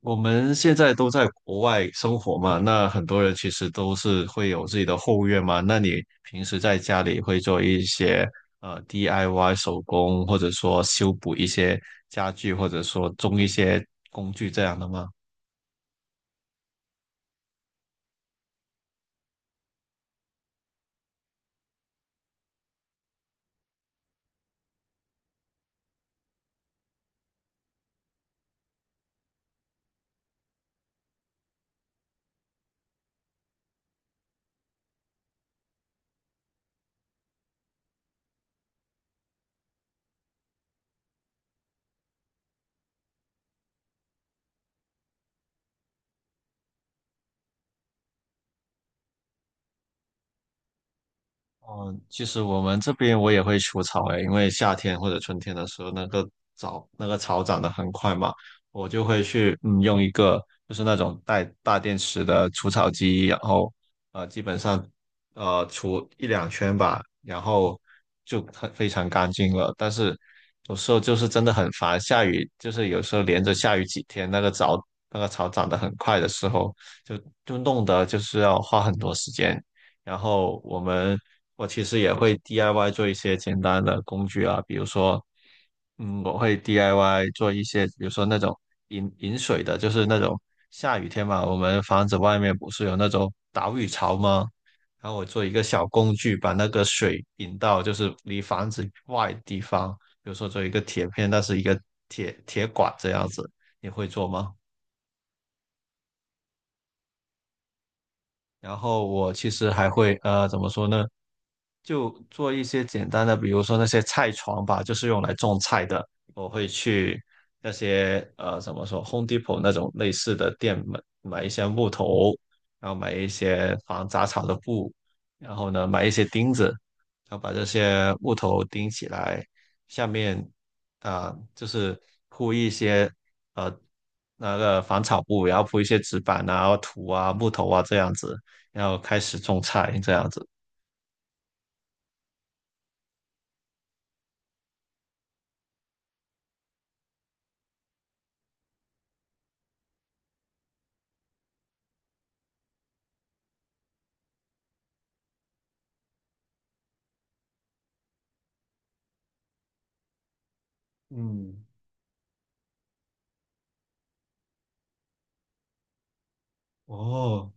我们现在都在国外生活嘛，那很多人其实都是会有自己的后院嘛。那你平时在家里会做一些DIY 手工，或者说修补一些家具，或者说种一些工具这样的吗？嗯，其实我们这边我也会除草诶，因为夏天或者春天的时候，那个草长得很快嘛，我就会去用一个就是那种带大电池的除草机，然后基本上除一两圈吧，然后就很非常干净了。但是有时候就是真的很烦，下雨就是有时候连着下雨几天，那个草长得很快的时候，就就弄得就是要花很多时间。然后我其实也会 DIY 做一些简单的工具啊，比如说，嗯，我会 DIY 做一些，比如说那种饮水的，就是那种下雨天嘛，我们房子外面不是有那种导雨槽吗？然后我做一个小工具，把那个水引到就是离房子外的地方，比如说做一个铁片，那是一个铁管这样子，你会做吗？然后我其实还会怎么说呢？就做一些简单的，比如说那些菜床吧，就是用来种菜的。我会去那些怎么说，Home Depot 那种类似的店买一些木头，然后买一些防杂草的布，然后呢买一些钉子，然后把这些木头钉起来，下面啊、就是铺一些呃那个防草布，然后铺一些纸板啊、土啊、木头啊这样子。要开始种菜这样子。嗯，哦，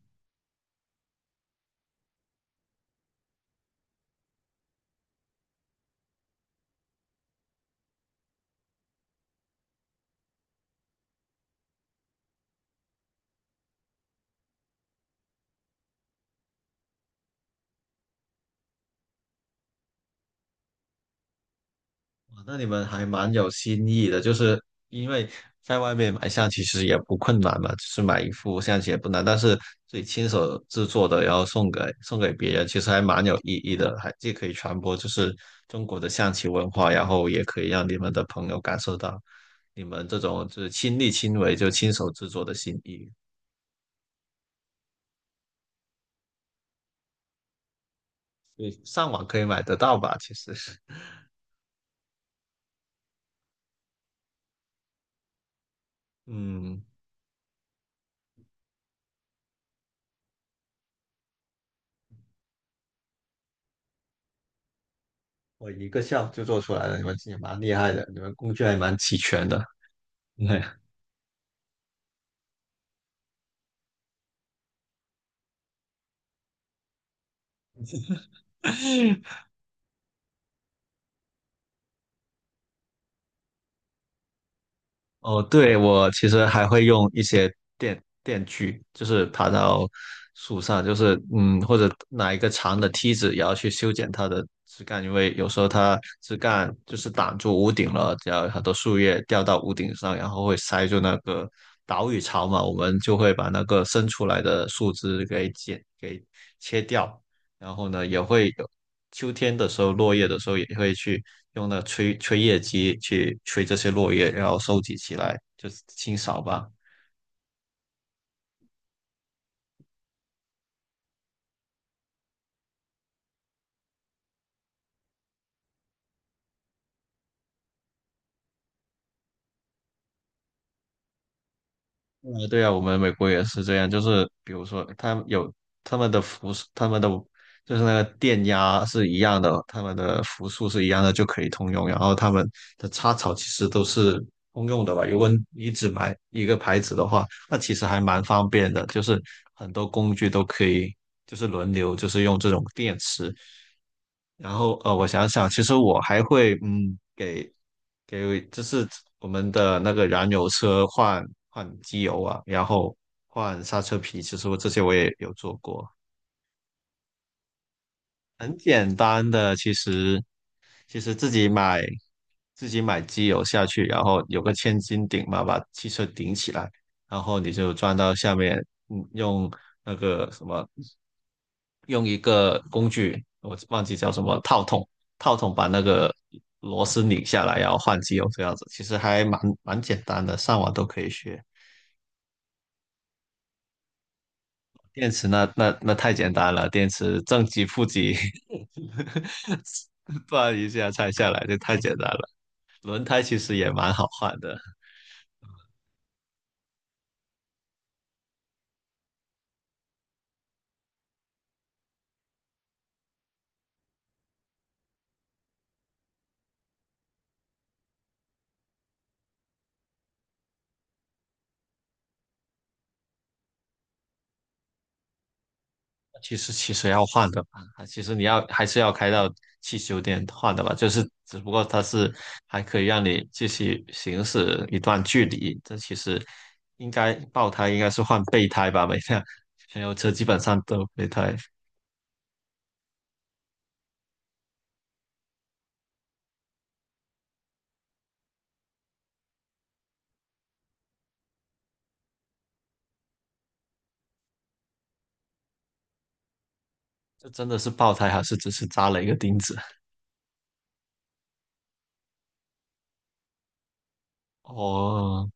哇那你们还蛮有新意的，就是因为在外面买棋其实也不困难嘛，就是买一副象棋也不难，但是自己亲手制作的，然后送给别人，其实还蛮有意义的，还既可以传播就是中国的象棋文化，然后也可以让你们的朋友感受到你们这种就是亲力亲为就亲手制作的心意。对，上网可以买得到吧？其实，嗯。我一个下午就做出来了，你们也蛮厉害的，你们工具还蛮齐全的。对，哦，对，我其实还会用一些电锯，就是爬到树上，就是嗯，或者拿一个长的梯子，也要去修剪它的枝干，因为有时候它枝干就是挡住屋顶了，然后很多树叶掉到屋顶上，然后会塞住那个岛屿槽嘛，我们就会把那个伸出来的树枝给剪给切掉。然后呢，也会有秋天的时候，落叶的时候也会去用那吹叶机去吹这些落叶，然后收集起来，就是清扫吧。对啊，我们美国也是这样，就是比如说，他们有他们的伏，他们的就是那个电压是一样的，他们的伏数是一样的，就可以通用。然后他们的插槽其实都是通用的吧？如果你只买一个牌子的话，那其实还蛮方便的，就是很多工具都可以，就是轮流，就是用这种电池。然后我想想，其实我还会嗯，给就是我们的那个燃油车换机油啊，然后换刹车皮，其实我这些我也有做过。很简单的，其实自己买机油下去，然后有个千斤顶嘛，把汽车顶起来，然后你就装到下面，嗯，用那个什么，用一个工具，我忘记叫什么套筒，套筒把那个螺丝拧下来，然后换机油这样子，其实还蛮简单的，上网都可以学。电池那太简单了，电池正极负极，转一下拆下来，这太简单了。轮胎其实也蛮好换的，其实要换的吧，其实你要还是要开到汽修店换的吧，就是只不过它是还可以让你继续行驶一段距离，这其实应该爆胎应该是换备胎吧，每辆燃油车基本上都有备胎，这真的是爆胎还是只是扎了一个钉子？哦，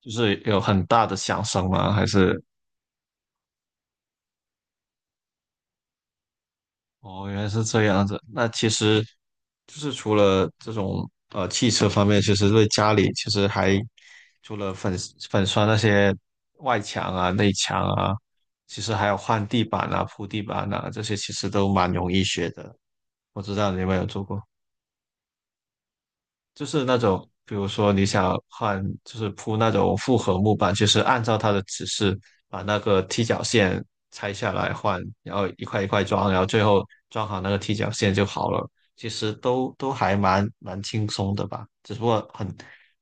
就是有很大的响声吗？还是哦，原来是这样子。那其实就是除了这种汽车方面，其实对家里其实还除了粉刷那些外墙啊、内墙啊，其实还有换地板啊、铺地板啊，这些其实都蛮容易学的。我知道你有没有做过。就是那种，比如说你想换，就是铺那种复合木板，就是按照它的指示把那个踢脚线拆下来换，然后一块一块装，然后最后装好那个踢脚线就好了。其实都还蛮轻松的吧，只不过很，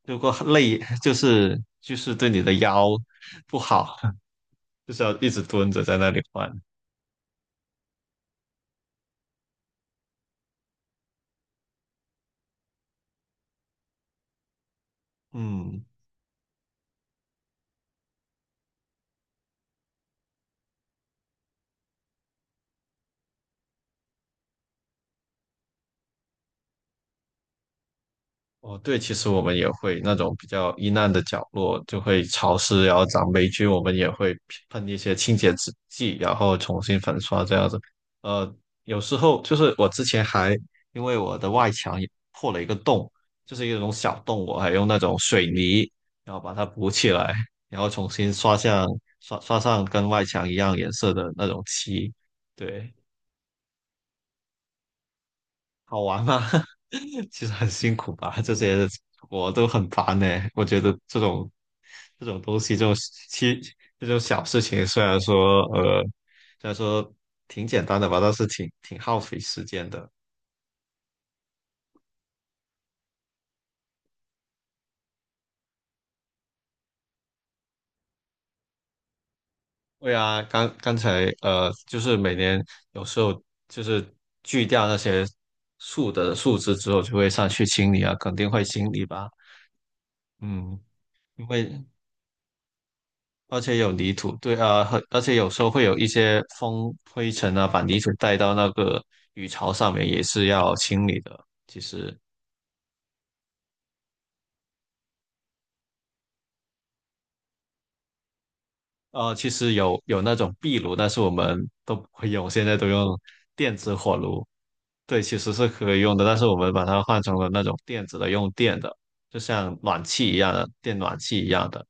如果很累，就是对你的腰不好，就是要一直蹲着在那里换。嗯，哦，对，其实我们也会那种比较阴暗的角落，就会潮湿，然后长霉菌，我们也会喷一些清洁制剂，然后重新粉刷这样子。呃，有时候就是我之前还因为我的外墙也破了一个洞，就是一种小洞，我还用那种水泥，然后把它补起来，然后重新刷上跟外墙一样颜色的那种漆。对，好玩吗？其实很辛苦吧，这些我都很烦呢、我觉得这种东西，其这种小事情，虽然说挺简单的吧，但是挺耗费时间的。对啊，刚刚才就是每年有时候就是锯掉那些树的树枝之后，就会上去清理啊，肯定会清理吧。嗯，因为而且有泥土，对啊，很而且有时候会有一些风、灰尘啊，把泥土带到那个鱼槽上面，也是要清理的。其实，其实有那种壁炉，但是我们都不会用，现在都用电子火炉。对，其实是可以用的，但是我们把它换成了那种电子的，用电的，就像暖气一样的，电暖气一样的，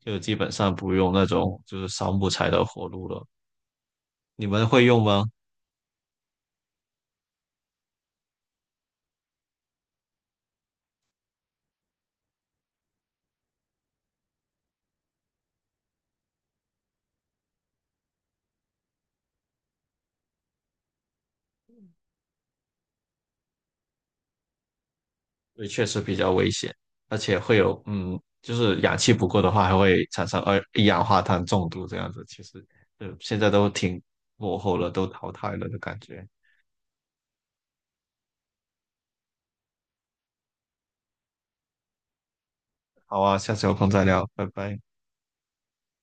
就基本上不用那种就是烧木材的火炉了。你们会用吗？对，确实比较危险，而且会有，嗯，就是氧气不够的话，还会产生二一氧化碳中毒这样子。其实，嗯，现在都挺落后了，都淘汰了的感觉。好啊，下次有空再聊，拜拜。